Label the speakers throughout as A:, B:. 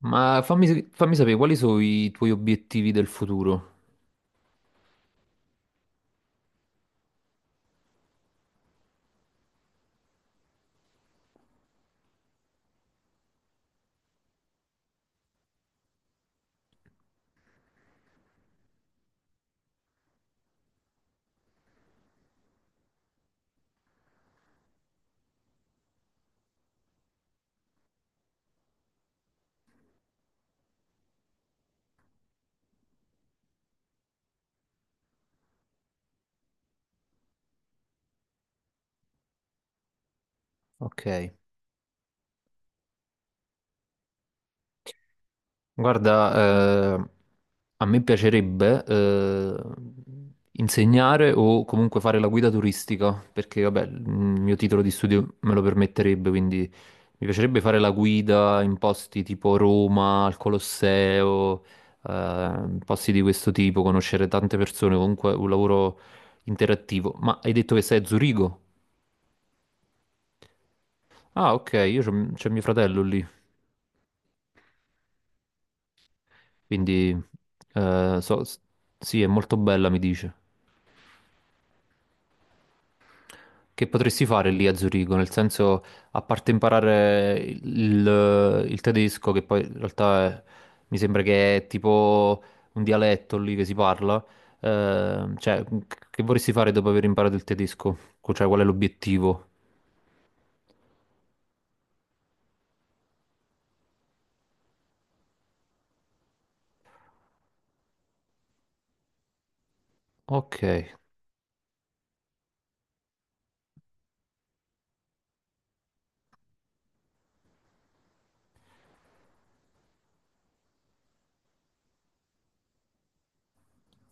A: Ma fammi sapere quali sono i tuoi obiettivi del futuro. Ok. Guarda, a me piacerebbe insegnare o comunque fare la guida turistica, perché vabbè, il mio titolo di studio me lo permetterebbe, quindi mi piacerebbe fare la guida in posti tipo Roma, al Colosseo, posti di questo tipo, conoscere tante persone, comunque un lavoro interattivo. Ma hai detto che sei a Zurigo? Ah, ok, io c'è mio fratello lì. Quindi, eh, so- s- sì, è molto bella, mi dice. Che potresti fare lì a Zurigo? Nel senso, a parte imparare il tedesco, che poi in realtà mi sembra che è tipo un dialetto lì che si parla, eh, cioè, che vorresti fare dopo aver imparato il tedesco? Cioè, qual è l'obiettivo? Ok,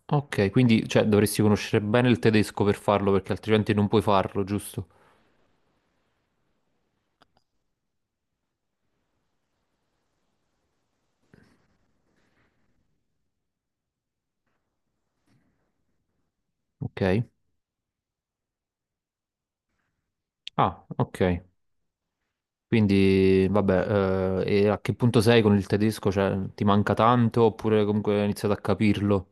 A: ok, quindi cioè, dovresti conoscere bene il tedesco per farlo, perché altrimenti non puoi farlo, giusto? Ok. Ah, ok. Quindi, vabbè, e a che punto sei con il tedesco? Cioè, ti manca tanto oppure comunque hai iniziato a capirlo?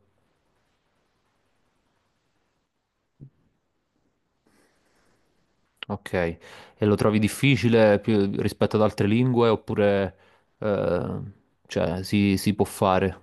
A: Ok, e lo trovi difficile più rispetto ad altre lingue eh, si può fare?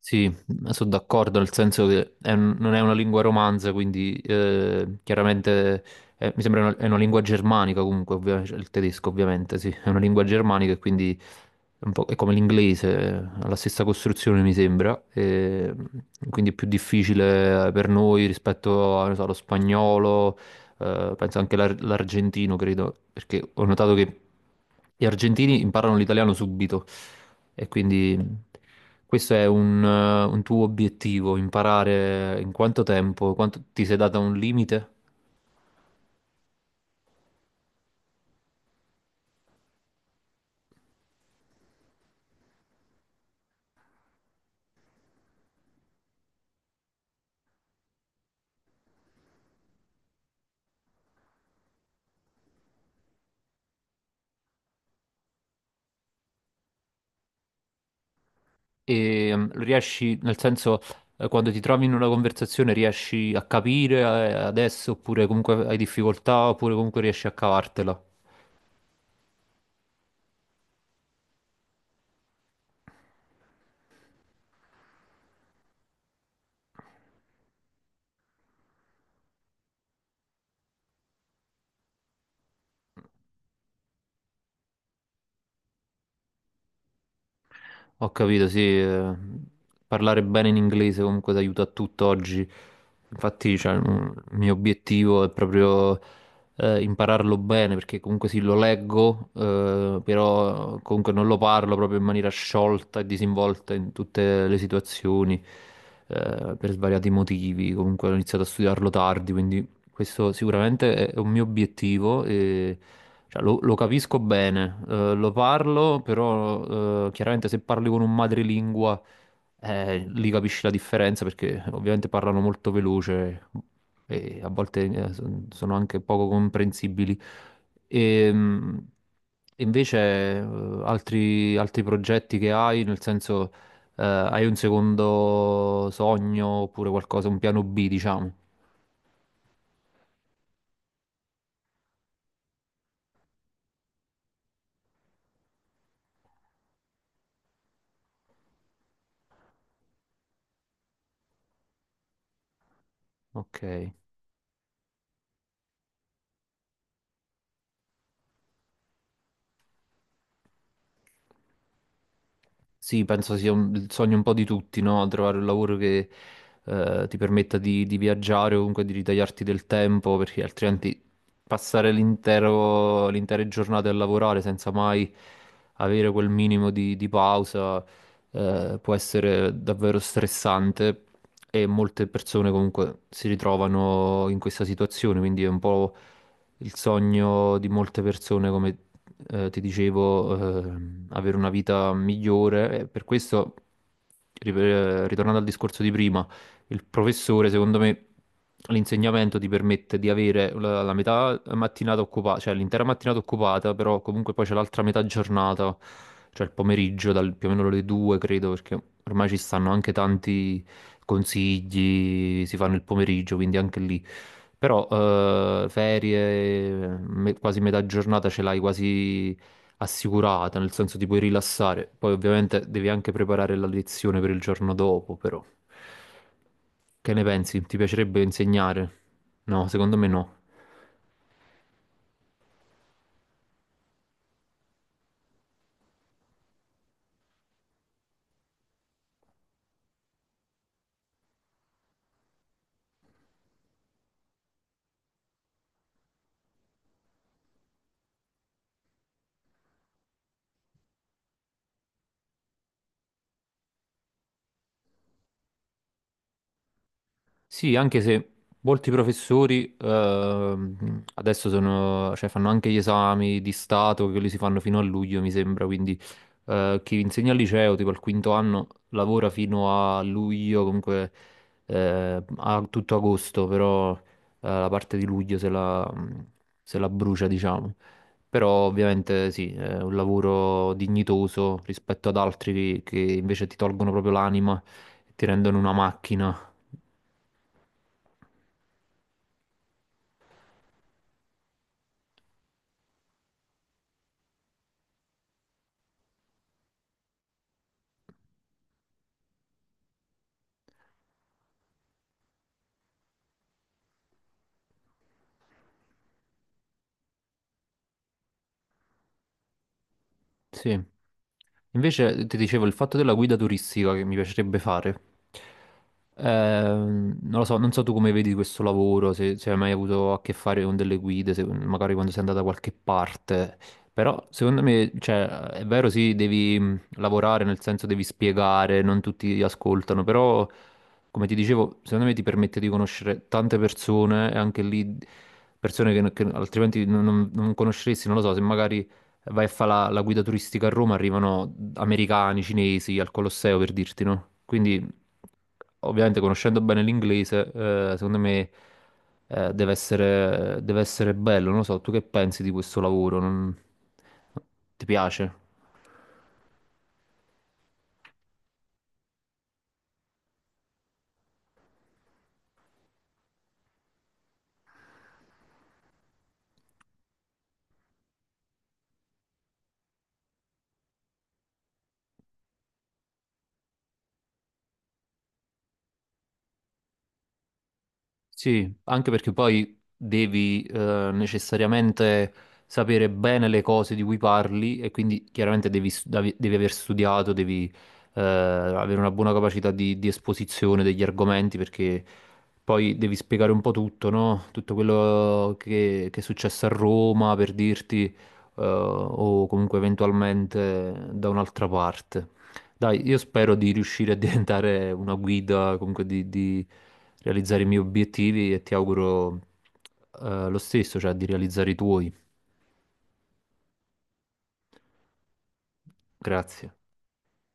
A: Sì, sono d'accordo, nel senso che è non è una lingua romanza, quindi chiaramente mi sembra è una lingua germanica comunque, cioè il tedesco ovviamente, sì, è una lingua germanica e quindi è, un po', è come l'inglese, ha la stessa costruzione mi sembra, e quindi è più difficile per noi rispetto a, non so, allo spagnolo, penso anche l'argentino, credo, perché ho notato che gli argentini imparano l'italiano subito e quindi questo è un tuo obiettivo, imparare in quanto tempo, quanto ti sei data un limite e riesci, nel senso, quando ti trovi in una conversazione riesci a capire adesso oppure comunque hai difficoltà oppure comunque riesci a cavartela. Ho capito, sì, parlare bene in inglese comunque ti aiuta a tutto oggi. Infatti, il mio obiettivo è proprio impararlo bene, perché comunque sì, lo leggo, però comunque non lo parlo proprio in maniera sciolta e disinvolta in tutte le situazioni, per svariati motivi. Comunque ho iniziato a studiarlo tardi, quindi questo sicuramente è un mio obiettivo, e, cioè, lo capisco bene, lo parlo, però chiaramente se parli con un madrelingua, lì capisci la differenza perché ovviamente parlano molto veloce e a volte sono anche poco comprensibili. E, invece altri progetti che hai, nel senso hai un secondo sogno oppure qualcosa, un piano B, diciamo. Ok. Sì, penso sia il sogno un po' di tutti, no? Trovare un lavoro che ti permetta di viaggiare o comunque di ritagliarti del tempo, perché altrimenti passare l'intera giornata a lavorare senza mai avere quel minimo di pausa, può essere davvero stressante e molte persone comunque si ritrovano in questa situazione, quindi è un po' il sogno di molte persone, come, ti dicevo, avere una vita migliore. E per questo, ritornando al discorso di prima, il professore, secondo me, l'insegnamento ti permette di avere la metà mattinata occupata, cioè l'intera mattinata occupata, però comunque poi c'è l'altra metà giornata, cioè il pomeriggio, dal, più o meno le due, credo, perché ormai ci stanno anche tanti consigli, si fanno il pomeriggio, quindi anche lì. Però quasi metà giornata ce l'hai quasi assicurata, nel senso ti puoi rilassare. Poi ovviamente devi anche preparare la lezione per il giorno dopo, però. Che ne pensi? Ti piacerebbe insegnare? No, secondo me no. Sì, anche se molti professori adesso sono, cioè, fanno anche gli esami di Stato, che quelli si fanno fino a luglio, mi sembra, quindi chi insegna al liceo, tipo al quinto anno, lavora fino a luglio, comunque a tutto agosto, però la parte di luglio se la brucia, diciamo. Però ovviamente sì, è un lavoro dignitoso rispetto ad altri che invece ti tolgono proprio l'anima e ti rendono una macchina. Sì. Invece ti dicevo il fatto della guida turistica che mi piacerebbe fare. Non lo so, non so tu come vedi questo lavoro, se hai mai avuto a che fare con delle guide, magari quando sei andato da qualche parte. Però secondo me, cioè, è vero, sì, devi lavorare, nel senso devi spiegare, non tutti ti ascoltano, però come ti dicevo, secondo me ti permette di conoscere tante persone e anche lì persone che altrimenti non conosceresti, non lo so, se magari vai a fare la guida turistica a Roma, arrivano americani, cinesi al Colosseo per dirti, no? Quindi, ovviamente, conoscendo bene l'inglese, secondo me, deve essere bello. Non lo so, tu che pensi di questo lavoro? Ti piace? Sì, anche perché poi devi necessariamente sapere bene le cose di cui parli e quindi chiaramente devi aver studiato, devi avere una buona capacità di esposizione degli argomenti perché poi devi spiegare un po' tutto, no? Tutto quello che è successo a Roma per dirti, o comunque eventualmente da un'altra parte. Dai, io spero di riuscire a diventare una guida, comunque di realizzare i miei obiettivi e ti auguro lo stesso, cioè di realizzare i tuoi. Grazie.